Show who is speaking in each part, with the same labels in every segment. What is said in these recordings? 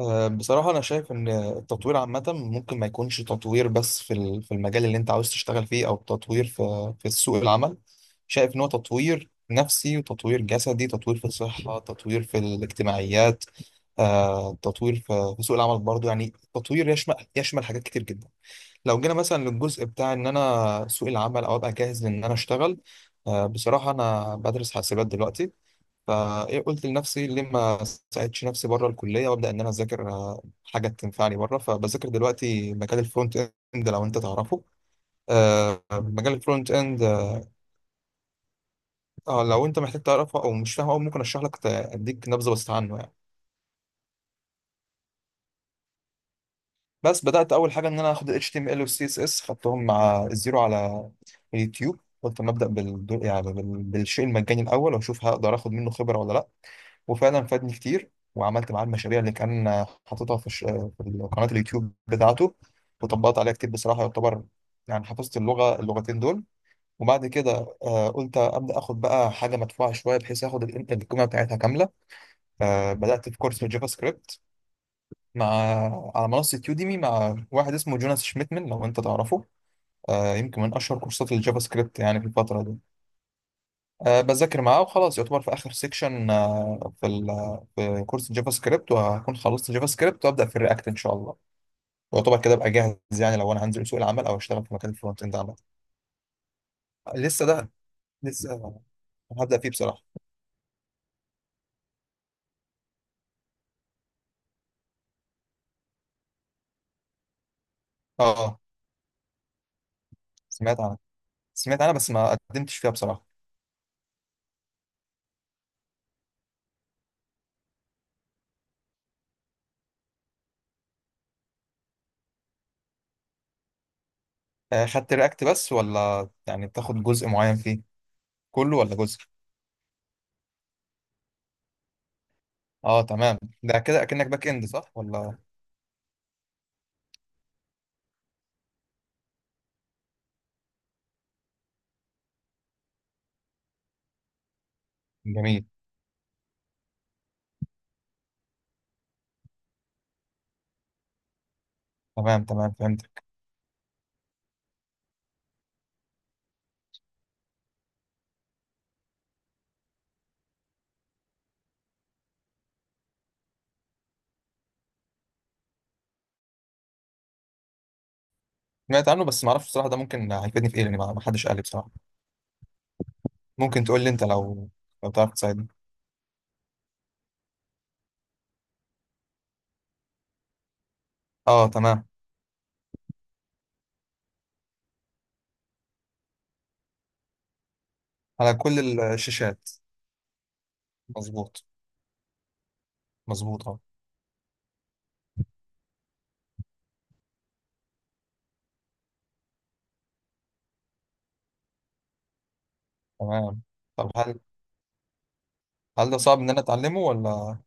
Speaker 1: بصراحة أنا شايف إن التطوير عامة ممكن ما يكونش تطوير بس في المجال اللي أنت عاوز تشتغل فيه أو تطوير في سوق العمل. شايف إن هو تطوير نفسي وتطوير جسدي، تطوير في الصحة، تطوير في الاجتماعيات. تطوير في سوق العمل برضو، يعني تطوير يشمل حاجات كتير جدا. لو جينا مثلا للجزء بتاع إن أنا سوق العمل أو أبقى جاهز إن أنا أشتغل، بصراحة أنا بدرس حاسبات دلوقتي. فقلت لنفسي ليه ما ساعدش نفسي بره الكليه وابدا ان انا اذاكر حاجه تنفعني بره. فبذاكر دلوقتي مجال الفرونت اند، لو انت تعرفه. مجال الفرونت اند. لو انت محتاج تعرفه او مش فاهمه أوي، ممكن اشرح لك، اديك نبذه بس عنه يعني. بس بدات اول حاجه ان انا اخد ال HTML وال CSS، خدتهم مع الزيرو على اليوتيوب. قلت ما ابدا بالشيء المجاني الاول واشوف هقدر اخد منه خبره ولا لا. وفعلا فادني كتير وعملت معاه المشاريع اللي كان حاططها في قناة اليوتيوب بتاعته. وطبقت عليها كتير بصراحة، يعتبر يعني حفظت اللغتين دول. وبعد كده قلت أبدأ آخد بقى حاجة مدفوعة شوية بحيث آخد القيمة بتاعتها كاملة. بدأت في كورس جافا سكريبت مع على منصة يوديمي مع واحد اسمه جوناس شميتمن، لو أنت تعرفه. يمكن من أشهر كورسات الجافا سكريبت يعني في الفترة دي. بذاكر معاه وخلاص، يعتبر في آخر سيكشن في كورس الجافا سكريبت، وهكون خلصت جافا سكريبت وأبدأ في الرياكت إن شاء الله. يعتبر كده أبقى جاهز يعني لو أنا هنزل سوق العمل أو أشتغل في مكان الفرونت إند عامة. لسه ده لسه هبدأ فيه بصراحة. اه. سمعت عنها. سمعت عنها بس ما قدمتش فيها بصراحة. خدت رياكت بس، ولا يعني بتاخد جزء معين فيه؟ كله ولا جزء؟ اه، تمام. ده كده اكنك باك اند، صح ولا؟ جميل. تمام، تمام، فهمت. سمعت عنه بس ما اعرفش بصراحة، ده ممكن هيفيدني في ايه؟ لان ما حدش قال لي بصراحة. ممكن تقول لي انت، لو تعرف تساعدني. اه، تمام. على كل الشاشات. مظبوط. مظبوط، اه، تمام. طب هل ده صعب ان انا اتعلمه ولا؟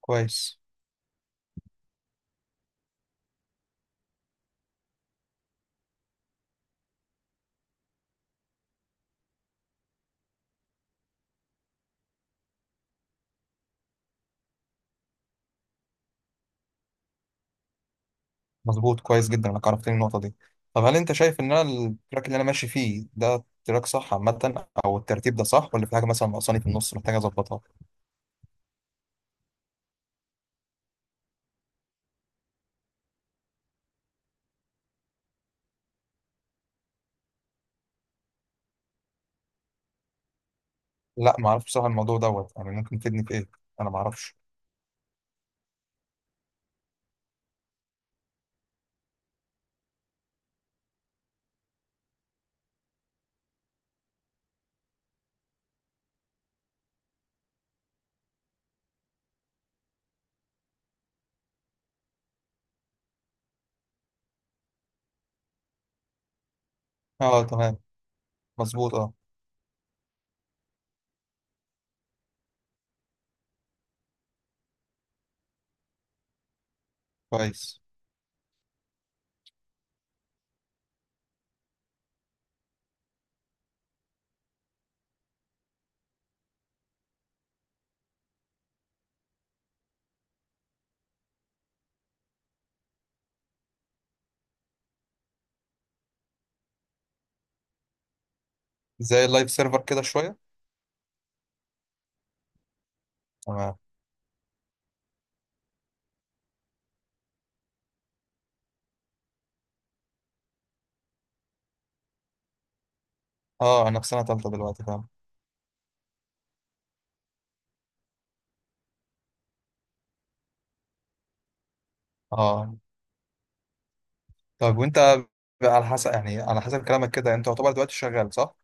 Speaker 1: كويس. مظبوط. كويس جدا انك عرفتني النقطة دي. طب هل انت شايف ان انا التراك اللي انا ماشي فيه ده تراك صح عامة، او الترتيب ده صح ولا في حاجة مثلا ناقصاني في النص محتاج اظبطها؟ لا، ما اعرفش بصراحة الموضوع دوت، يعني ممكن تفيدني في ايه؟ انا ما اعرفش. اه، تمام. مظبوط، اه. كويس. زي اللايف سيرفر كده شوية. تمام. اه، انا في سنة تالتة دلوقتي، فاهم. اه. طب وانت بقى، على حسب يعني على حسب كلامك كده، يعني انت يعتبر دلوقتي شغال صح؟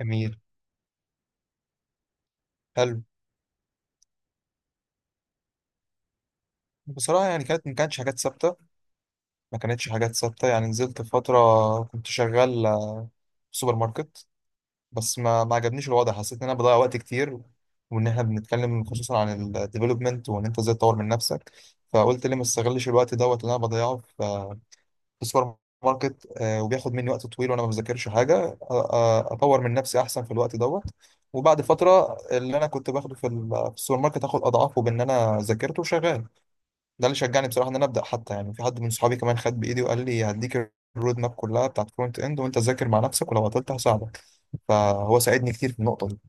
Speaker 1: جميل. حلو. بصراحة يعني ما كانتش حاجات ثابتة، ما كانتش حاجات ثابتة، يعني نزلت فترة كنت شغال في سوبر ماركت بس ما عجبنيش الوضع، حسيت ان انا بضيع وقت كتير، وان احنا بنتكلم خصوصا عن الديفلوبمنت وان انت ازاي تطور من نفسك. فقلت ليه ما استغلش الوقت دوت اللي انا بضيعه في السوبر ماركت، وبياخد مني وقت طويل وانا ما بذاكرش حاجه، اطور من نفسي احسن في الوقت دوت. وبعد فتره اللي انا كنت باخده في السوبر ماركت، اخد اضعافه بان انا ذاكرته وشغال. ده اللي شجعني بصراحه ان انا ابدا، حتى يعني في حد من صحابي كمان خد بايدي وقال لي هديك الرود ماب كلها بتاعت فرونت اند، وانت ذاكر مع نفسك ولو عطلت هساعدك. فهو ساعدني كتير في النقطه دي.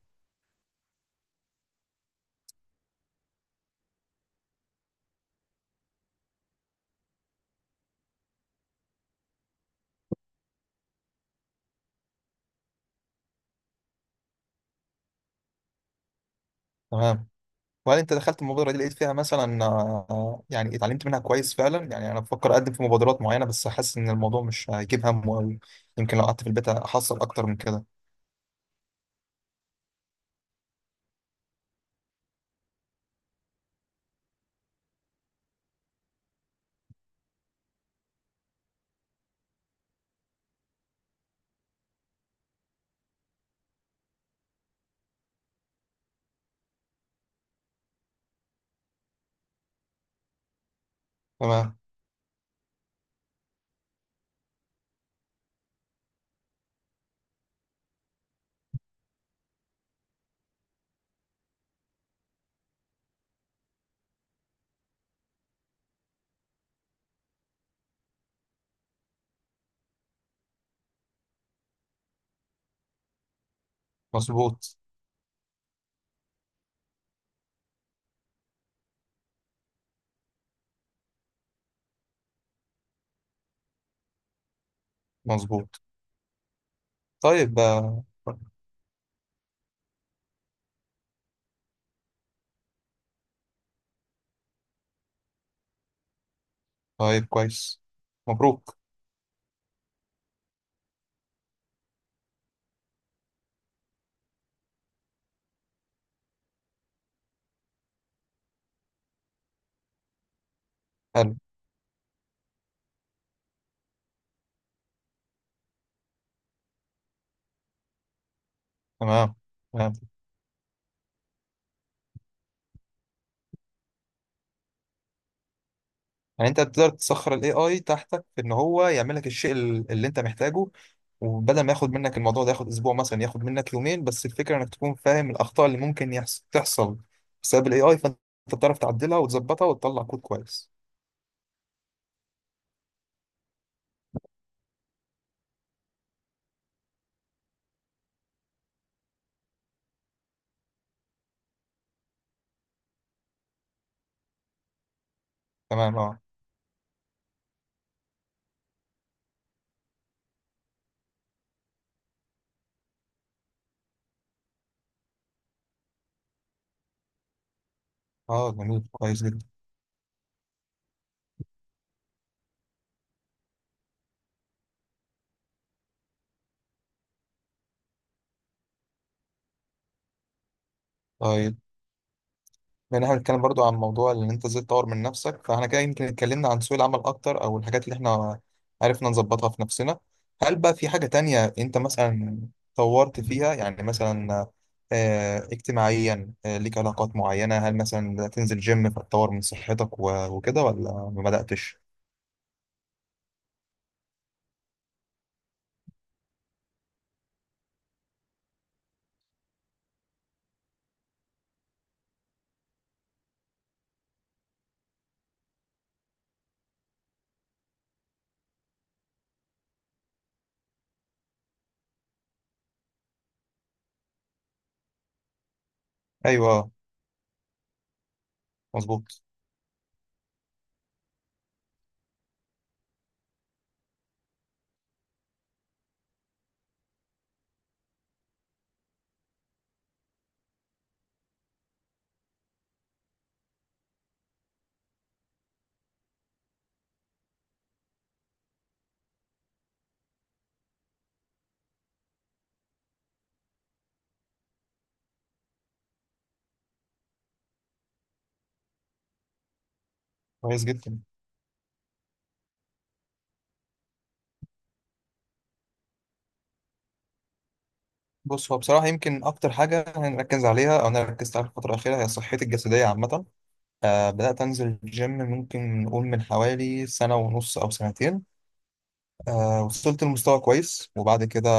Speaker 1: تمام. وهل انت دخلت المبادره دي لقيت فيها مثلا، يعني اتعلمت منها كويس فعلا؟ يعني انا بفكر اقدم في مبادرات معينه بس حاسس ان الموضوع مش هيجيب همه قوي، يمكن لو قعدت في البيت احصل اكتر من كده. تمام. مظبوط. مظبوط. طيب، طيب، كويس. مبروك. حلو. تمام، تمام. يعني انت تقدر تسخر الاي اي تحتك في ان هو يعمل لك الشيء اللي انت محتاجه. وبدل ما ياخد منك الموضوع ده ياخد اسبوع مثلا، ياخد منك يومين بس، الفكره انك تكون فاهم الاخطاء اللي ممكن تحصل بسبب الاي اي، فانت بتعرف تعدلها وتظبطها وتطلع كود كويس. تمام، اه. اه، جميل. كويس جدا. طيب، لان احنا بنتكلم برضو عن موضوع ان انت ازاي تطور من نفسك، فاحنا كده يمكن اتكلمنا عن سوق العمل اكتر او الحاجات اللي احنا عرفنا نظبطها في نفسنا. هل بقى في حاجة تانية انت مثلا طورت فيها يعني، مثلا اجتماعيا، ليك علاقات معينة؟ هل مثلا بدأت تنزل جيم فتطور من صحتك و- وكده ولا ما بدأتش؟ ايوه. مظبوط. كويس جدا. بص هو بصراحة يمكن أكتر حاجة هنركز عليها أو أنا ركزت عليها الفترة الأخيرة هي صحتي الجسدية عامة. بدأت أنزل الجيم ممكن نقول من حوالي سنة ونص أو سنتين. وصلت لمستوى كويس، وبعد كده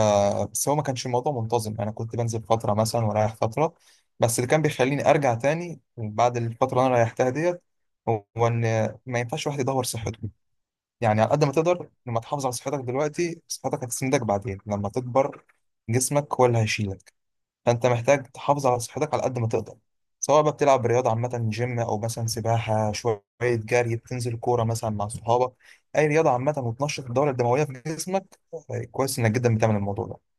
Speaker 1: بس هو ما كانش الموضوع منتظم، أنا كنت بنزل فترة مثلا ورايح فترة. بس اللي كان بيخليني أرجع تاني بعد الفترة اللي أنا ريحتها ديت هو إن ما ينفعش واحد يدور صحته، يعني على قد ما تقدر لما تحافظ على صحتك دلوقتي صحتك هتسندك بعدين لما تكبر، جسمك هو اللي هيشيلك، فانت محتاج تحافظ على صحتك على قد ما تقدر، سواء بقى بتلعب رياضه عامه جيم او مثلا سباحه شويه جري، بتنزل كوره مثلا مع صحابك. اي رياضه عامه وتنشط الدوره الدمويه في جسمك. طيب، كويس انك جدا بتعمل الموضوع ده.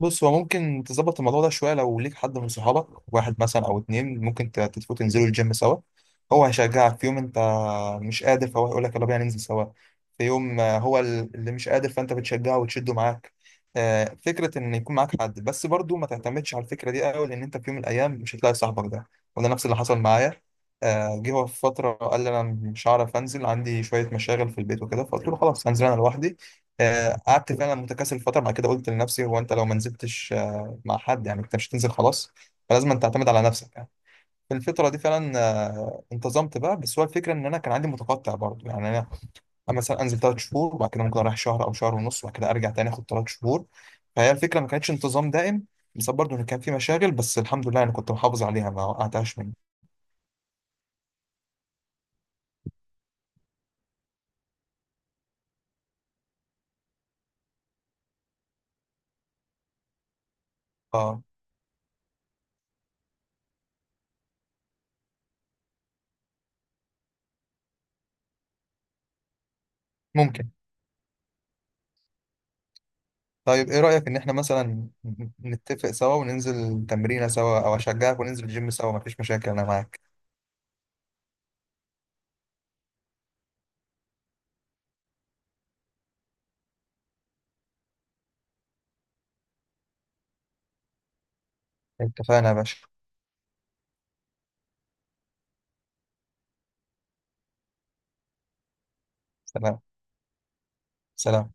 Speaker 1: بص هو ممكن تظبط الموضوع ده شويه لو ليك حد من صحابك، واحد مثلا او اتنين، ممكن تتفقوا تنزلوا الجيم سوا. هو هيشجعك في يوم انت مش قادر، فهو هيقول لك يلا بينا ننزل سوا. في يوم هو اللي مش قادر، فانت بتشجعه وتشده معاك. فكرة ان يكون معاك حد، بس برضو ما تعتمدش على الفكرة دي قوي، لان انت في يوم من الايام مش هتلاقي صاحبك ده. وده نفس اللي حصل معايا. جه هو في فترة قال لي أنا مش هعرف أنزل، عندي شوية مشاغل في البيت وكده. فقلت له خلاص هنزل أنا لوحدي. قعدت فعلا متكاسل فترة، بعد كده قلت لنفسي هو أنت لو ما نزلتش مع حد يعني، أنت مش هتنزل خلاص، فلازم أن تعتمد على نفسك يعني. في الفترة دي فعلا انتظمت بقى، بس هو الفكرة ان انا كان عندي متقطع برضه، يعني انا مثلا انزل 3 شهور وبعد كده ممكن اروح شهر او شهر ونص، وبعد كده ارجع تاني اخد 3 شهور. فهي الفكرة ما كانتش انتظام دائم، بس برضه ان كان في مشاغل، بس الحمد لله انا كنت محافظ عليها ما وقعتهاش مني. اه. ممكن. طيب ايه رأيك ان احنا مثلا نتفق سوا وننزل تمرينة سوا، او اشجعك وننزل الجيم سوا؟ مفيش مشاكل انا معاك. اتفقنا يا باشا. سلام. سلام.